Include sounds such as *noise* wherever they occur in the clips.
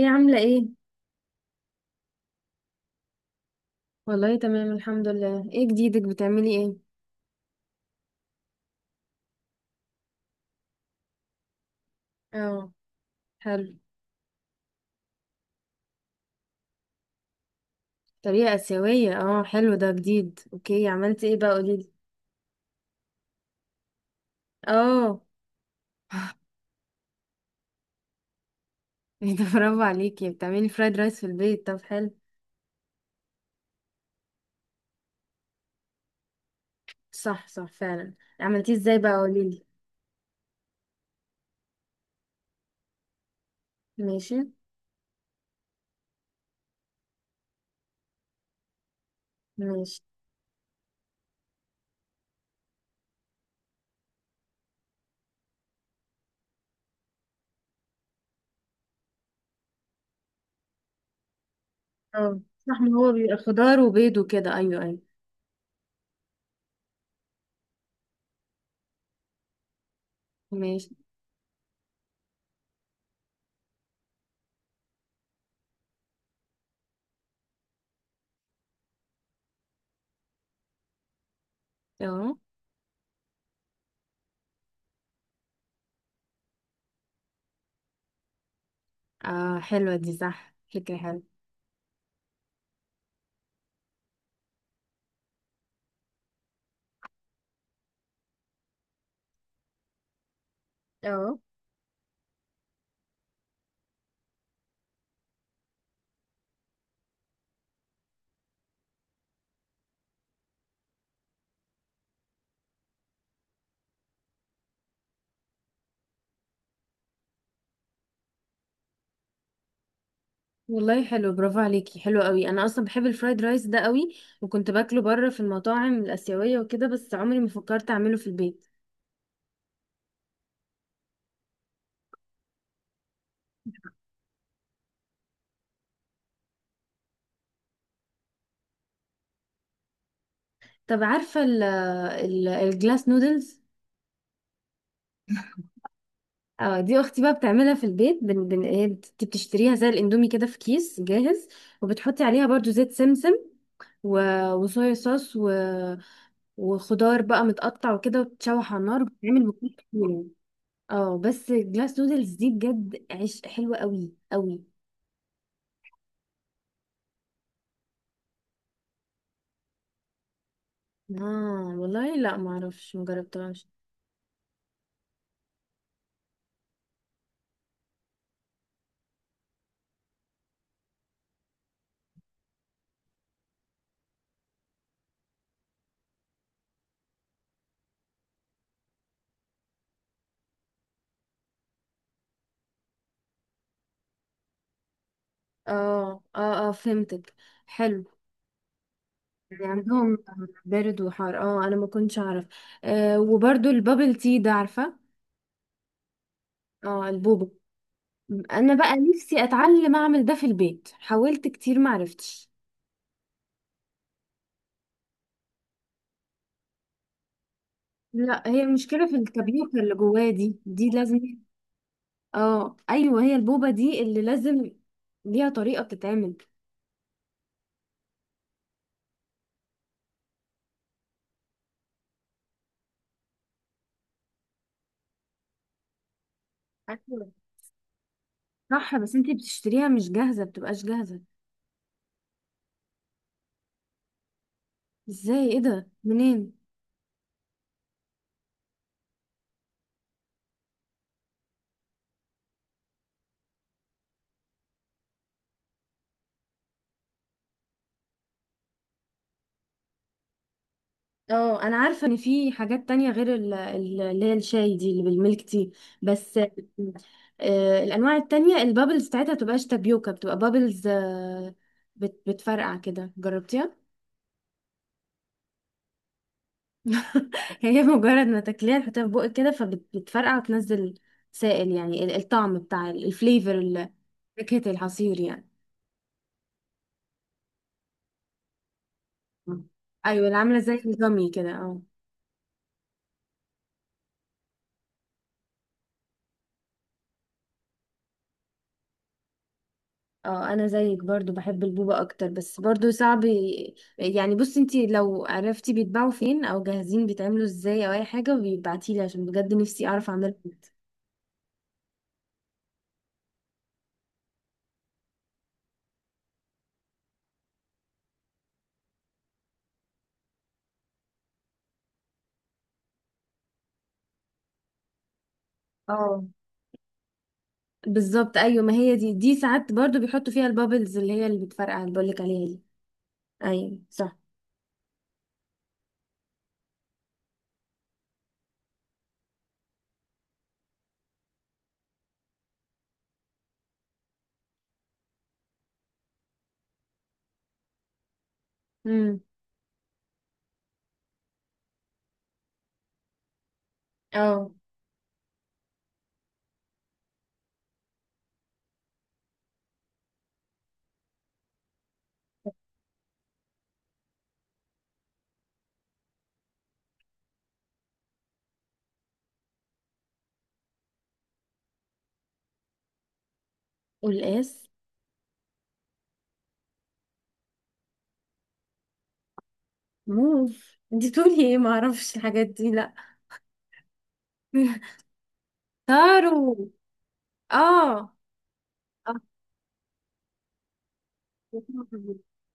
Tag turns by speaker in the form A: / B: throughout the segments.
A: ايه عاملة ايه؟ والله تمام الحمد لله. ايه جديدك، بتعملي ايه؟ اه، حلو. طريقة آسيوية، اه حلو، ده جديد، اوكي. عملتي ايه بقى، قوليلي؟ اه. *laughs* ايه ده، برافو عليكي، بتعملي فرايد رايس في البيت؟ طب حلو. صح صح فعلا. عملتيه ازاي بقى، قوليلي؟ ماشي. ماشي. اه صح، ما هو بيبقى خضار وبيض وكده، ايوه ايوه. ماشي. اه اه، حلوة دي، صح، فكرة حلوة. اه والله حلو، برافو عليكي، حلو قوي. انا اصلا بحب الفرايد رايس ده قوي، وكنت باكله بره في المطاعم الاسيويه وكده، بس عمري ما فكرت اعمله في البيت. طب عارفه ال الجلاس نودلز؟ اه. دي اختي بقى بتعملها في البيت، بن بن، هي بتشتريها زي الاندومي كده في كيس جاهز، وبتحطي عليها برضو زيت سمسم، و وصويا صوص، و وخضار بقى متقطع وكده، وتتشوح على النار، بتعمل بكل كتير. اه بس، جلاس نودلز دي بجد عيش حلوه قوي قوي. اه والله، لا، ما اعرفش، مجربتهاش. اه اه اه، فهمتك. حلو. يعني عندهم بارد وحار، اه انا ما كنتش اعرف. وبرضو البابل تي ده، عارفه؟ اه، البوبو. انا بقى نفسي اتعلم اعمل ده في البيت، حاولت كتير ما عرفتش. لا، هي المشكله في الكبيوتر اللي جواه، دي لازم. اه ايوه، هي البوبه دي اللي لازم ليها طريقه بتتعمل. أيوة. صح بس، انتي بتشتريها مش جاهزه، بتبقاش جاهزه؟ ازاي؟ ايه ده؟ منين؟ اه انا عارفه ان في حاجات تانية غير اللي هي الشاي دي، اللي بالميلك تي بس. الانواع التانية البابلز بتاعتها بتبقاش تابيوكا، بتبقى بابلز، بتفرقع كده، جربتيها؟ *laughs* هي مجرد ما تاكليها، تحطيها في بقك كده فبتفرقع وتنزل سائل، يعني الطعم بتاع الفليفر، فاكهة العصير يعني. ايوه، اللي عامله زي الجامي كده، اه. اه، انا زيك برضو بحب البوبة اكتر، بس برضو صعب يعني. بصي انتي لو عرفتي بيتباعوا فين، او جاهزين بيتعملوا ازاي، او اي حاجة بيبعتيلي، عشان بجد نفسي اعرف اعملها. اه بالظبط، ايوه، ما هي دي ساعات برضو بيحطوا فيها البابلز، اللي هي اللي بتفرقع، اللي بقولك عليها دي. ايوه صح. امم. اه، والقاس. موف؟ انتي بتقولي ايه؟ ما اعرفش الحاجات دي، لا. *laughs* تارو. اه. اه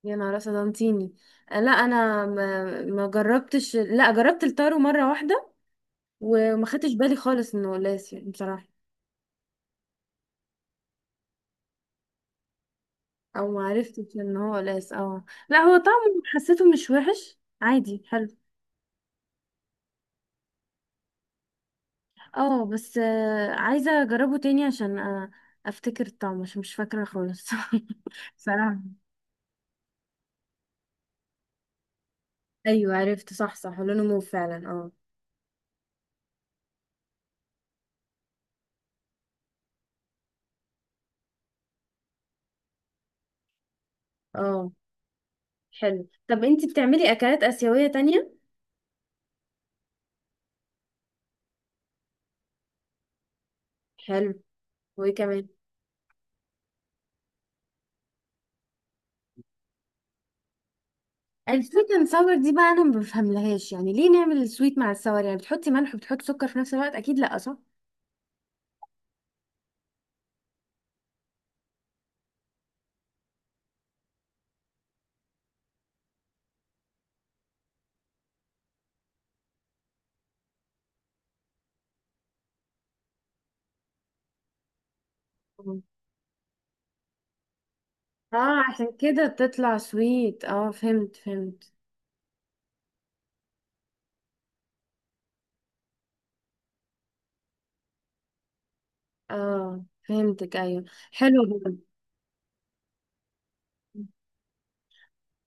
A: يا نهار اسود انتيني. لا انا ما جربتش. لا، جربت التارو مره واحده، وما خدتش بالي خالص انه قلاس يعني بصراحه. او ما عرفتش ان هو قلاس. اه، لا هو طعمه حسيته مش وحش، عادي، حلو. اه بس، عايزه اجربه تاني عشان افتكر الطعم، عشان مش فاكره خالص. *laughs* بصراحه. ايوه عرفت، صح صح، لونه مو فعلا، اه. اه حلو. طب انتي بتعملي اكلات اسيويه تانية؟ حلو. وايه كمان؟ السويت ساور دي بقى انا ما بفهملهاش، يعني ليه نعمل السويت مع الساور؟ يعني بتحطي ملح وبتحطي سكر في نفس الوقت؟ اكيد لا، صح؟ مم. اه عشان كده تطلع سويت، اه فهمت فهمت. اه فهمتك، ايوه. حلو جدا.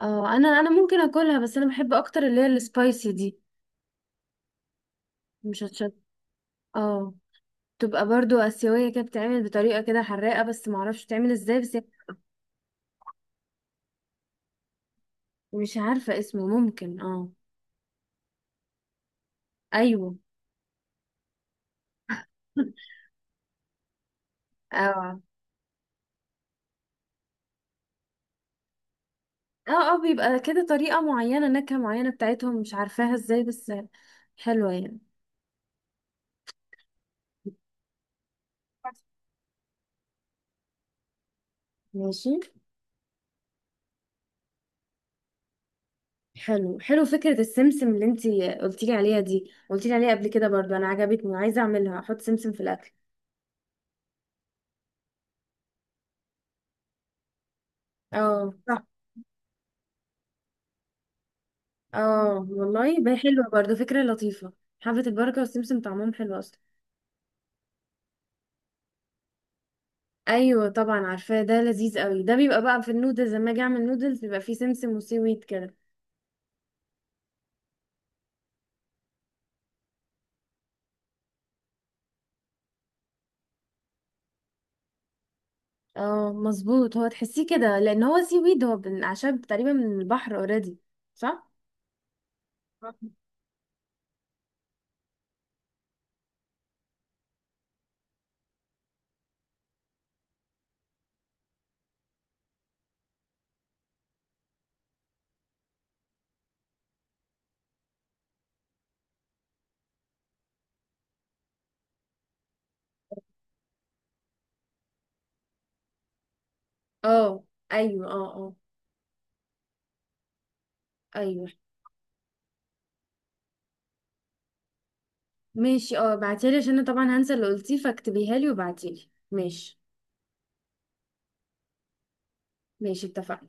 A: اه، انا ممكن اكلها، بس انا بحب اكتر اللي هي السبايسي دي، مش هتشط. اه. تبقى برضو اسيويه كده، بتتعمل بطريقه كده حراقه، بس ما اعرفش بتتعمل ازاي بس. مش عارفه اسمه، ممكن، اه. ايوه. *laughs* اه اه اه، بيبقى كده طريقة معينة، نكهة معينة بتاعتهم، مش عارفاها ازاي، بس حلوة يعني. ماشي. حلو حلو، فكرة السمسم اللي انتي قلتيلي عليها دي، قلتيلي عليها قبل كده برضو، انا عجبتني، عايزة اعملها، احط سمسم في الاكل. اه صح. اه والله بقى حلوة، برضو فكرة لطيفة. حبة البركة والسمسم طعمهم حلو اصلا. ايوه طبعا عارفاه، ده لذيذ قوي. ده بيبقى بقى في النودلز، لما اجي اعمل نودلز بيبقى فيه سمسم وسي ويت كده. اه مظبوط، هو تحسيه كده لان هو سي ويد، هو من اعشاب تقريبا من البحر اوريدي. صح. اه ايوه، اه اه، ايوه. ماشي. اه بعتيلي، عشان انا طبعا هنسى اللي قلتيه، فاكتبيها لي وبعتيلي، ماشي؟ ماشي، اتفقنا.